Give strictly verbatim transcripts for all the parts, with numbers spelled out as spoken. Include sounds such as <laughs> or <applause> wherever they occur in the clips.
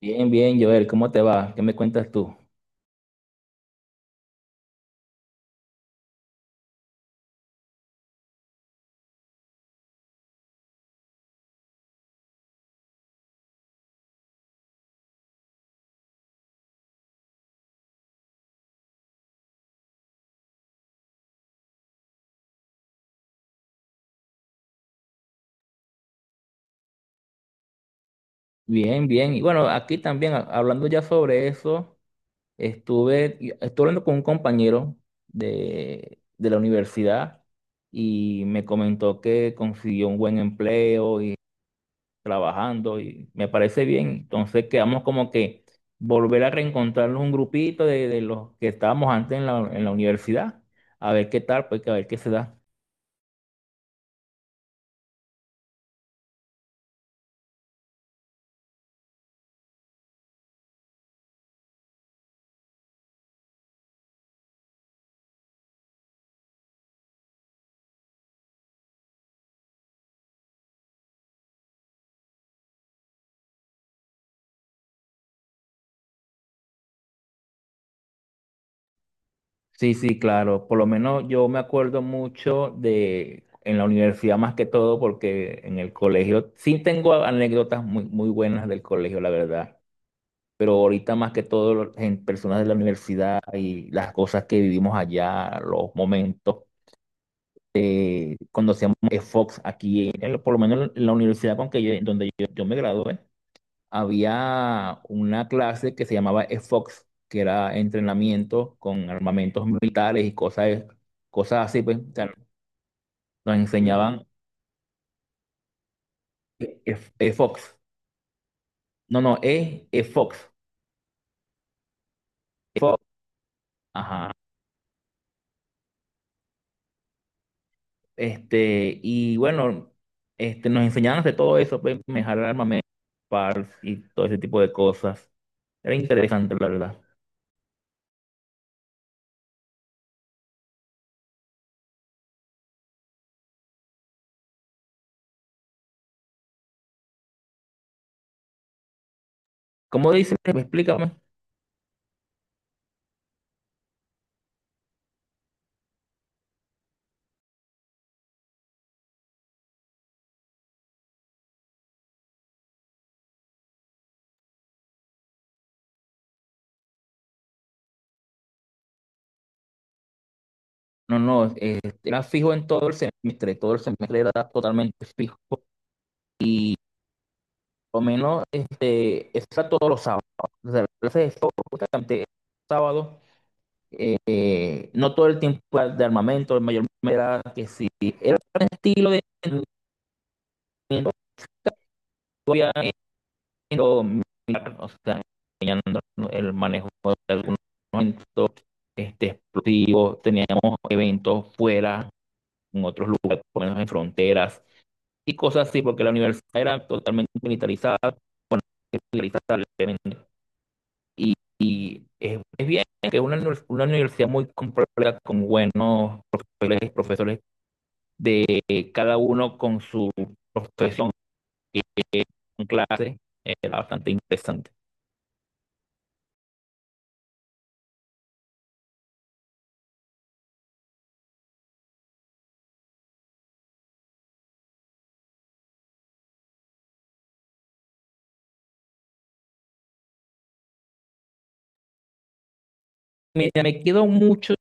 Bien, bien, Joel, ¿cómo te va? ¿Qué me cuentas tú? Bien, bien. Y bueno, aquí también, a- hablando ya sobre eso, estuve, y- estuve hablando con un compañero de, de la universidad y me comentó que consiguió un buen empleo y trabajando y me parece bien. Entonces quedamos como que volver a reencontrarnos un grupito de, de los que estábamos antes en la, en la universidad, a ver qué tal, pues a ver qué se da. Sí, sí, claro. Por lo menos yo me acuerdo mucho de en la universidad más que todo, porque en el colegio sí tengo anécdotas muy, muy buenas del colegio, la verdad. Pero ahorita más que todo en personas de la universidad y las cosas que vivimos allá, los momentos, eh, cuando hacíamos Fox aquí, en- por lo menos en la universidad con que yo, donde yo, yo me gradué, había una clase que se llamaba EFOX, que era entrenamiento con armamentos militares y cosas, cosas así, pues. O sea, nos enseñaban EF- EFOX. No, no, E, EFOX. EFOX. Ajá. Este, y bueno, este, nos enseñaban de todo eso, pues, manejar armamentos, P A R S y todo ese tipo de cosas. Era interesante, la verdad. ¿Cómo dices? Explícame. No, no, este, era fijo en todo el semestre, todo el semestre era totalmente fijo. Lo menos, este, está todos los sábados, ¿no? O sea, clase todos los sábados, eh, no todo el tiempo de armamento, mayormente era que si era un estilo de entrenamiento, o sea, el manejo de algunos momentos, este, explosivos. Teníamos eventos fuera, en otros lugares, por lo menos en fronteras y cosas así, porque la universidad era totalmente militarizada, bueno, militarizada. Y, y es, es, bien que una, univers- una universidad muy completa, con buenos profesores, profesores de, eh, cada uno con su profesión y, eh, con clase, era bastante interesante. Me, me quedo mucho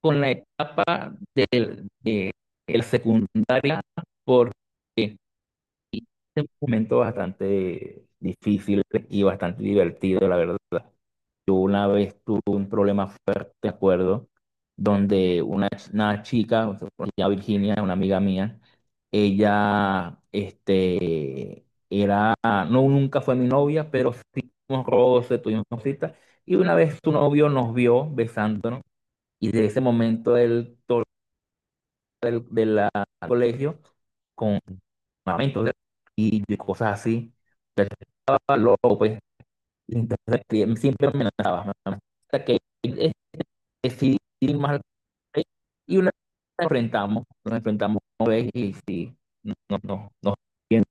con la etapa del- de, de la secundaria porque es un momento bastante difícil y bastante divertido, la verdad. Yo una vez tuve un problema fuerte, de acuerdo, donde una, una chica, o sea, ya Virginia, una amiga mía. Ella, este, era, no, nunca fue mi novia, pero sí tuvimos roces, tuvimos cositas, y una vez su novio nos vio besándonos, y de ese momento él, todo el, de la, al colegio, con armamentos y cosas así. Entonces, estaba loco, pues. Entonces, siempre me amenazaba, me amenazaba hasta que decidir más, y una vez nos enfrentamos, nos enfrentamos una vez y sí, no, no, no, no, bien.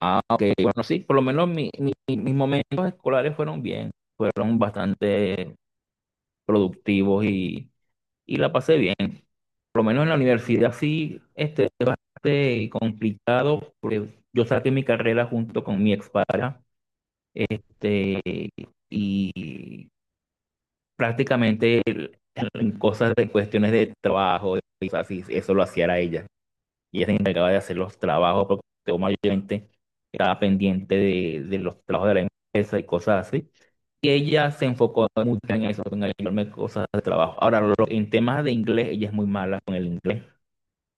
Ah, ok, bueno, sí, por lo menos mi- mi- mi- mis momentos escolares fueron bien, fueron bastante productivos, y, y la pasé bien. Por lo menos en la universidad sí, este, fue bastante complicado, porque yo saqué mi carrera junto con mi expareja, este, y prácticamente en cosas de cuestiones de trabajo, y cosas así, eso lo hacía era ella. Y ella se encargaba de hacer los trabajos porque yo mayormente estaba pendiente de, de los trabajos de la empresa y cosas así. Y ella se enfocó mucho en eso, en ayudarme cosas de trabajo. Ahora, lo- en temas de inglés, ella es muy mala con el inglés,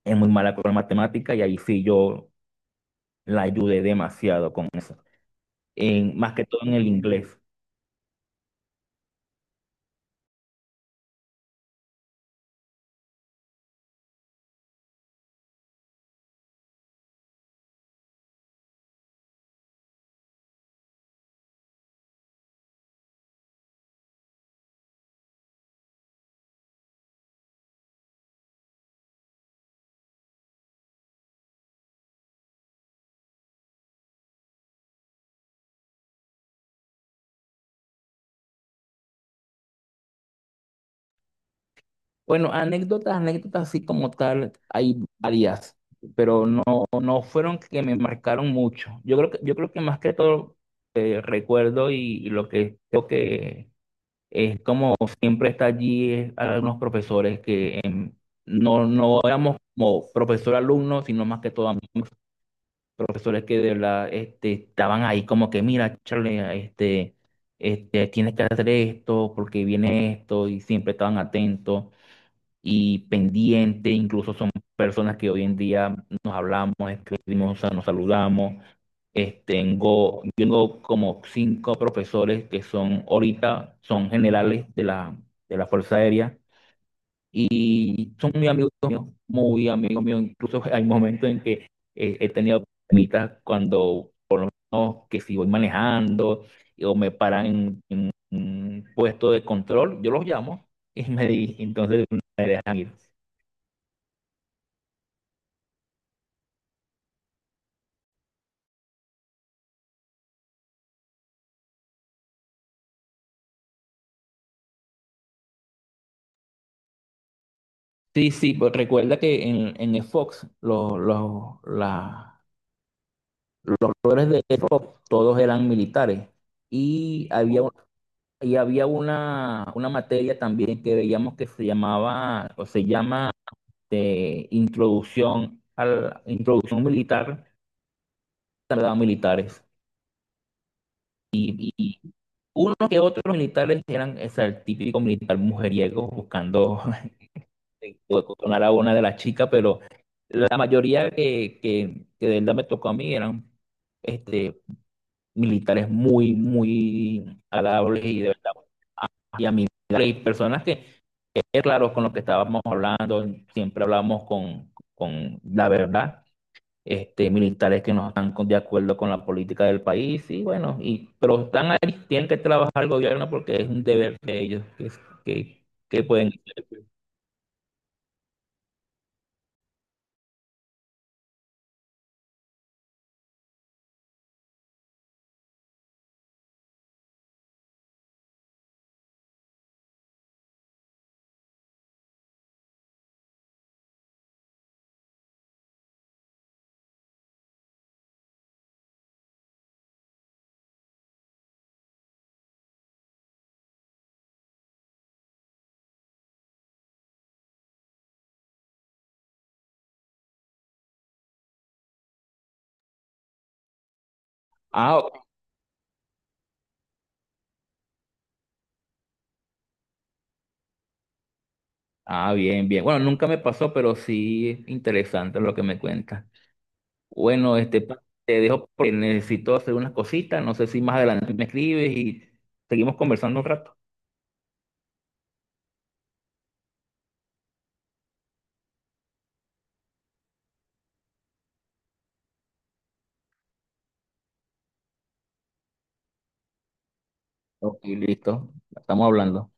es muy mala con la matemática, y ahí sí yo la ayudé demasiado con eso. En, más que todo en el inglés. Bueno, anécdotas, anécdotas así como tal, hay varias, pero no, no fueron que me marcaron mucho. Yo creo que, yo creo que más que todo, eh, recuerdo, y, y lo que creo que es como siempre está allí es algunos profesores que, em, no, no éramos como profesor-alumno, sino más que todo am- profesores que de verdad, este, estaban ahí como que, mira, Charlie, este, este, tienes que hacer esto porque viene esto, y siempre estaban atentos y pendiente. Incluso son personas que hoy en día nos hablamos, escribimos, o sea, nos saludamos. Este, tengo, yo tengo como cinco profesores que son ahorita, son generales de la, de la Fuerza Aérea, y son muy amigos míos, muy amigos míos. Incluso <laughs> hay momentos en que, eh, he tenido problemitas cuando, no, que si voy manejando o me paran en, en un puesto de control, yo los llamo y me di, entonces me dejan ir. Sí, sí, pues recuerda que en, en el Fox, los, los, la- los actores de Fox, todos eran militares. Y había, un- y había una, una materia también que veíamos que se llamaba, o se llama, de introducción al, introducción militar, tardaba militares. Y, y unos que otros militares eran, o sea, el típico militar mujeriego buscando sonar a una de las chicas, pero la mayoría que, que, que de verdad me tocó a mí eran, este, militares muy, muy agradables y de verdad, y amigables, y personas que, que, claro, con lo que estábamos hablando, siempre hablamos con, con la verdad, este, militares que no están con- de acuerdo con la política del país, y bueno, y, pero están ahí, tienen que trabajar el gobierno porque es un deber de ellos que, que, que pueden. Ah, ah, bien, bien. Bueno, nunca me pasó, pero sí interesante lo que me cuentas. Bueno, este, pa- te dejo porque necesito hacer unas cositas. No sé si más adelante me escribes y seguimos conversando un rato. Ok, listo. Estamos hablando.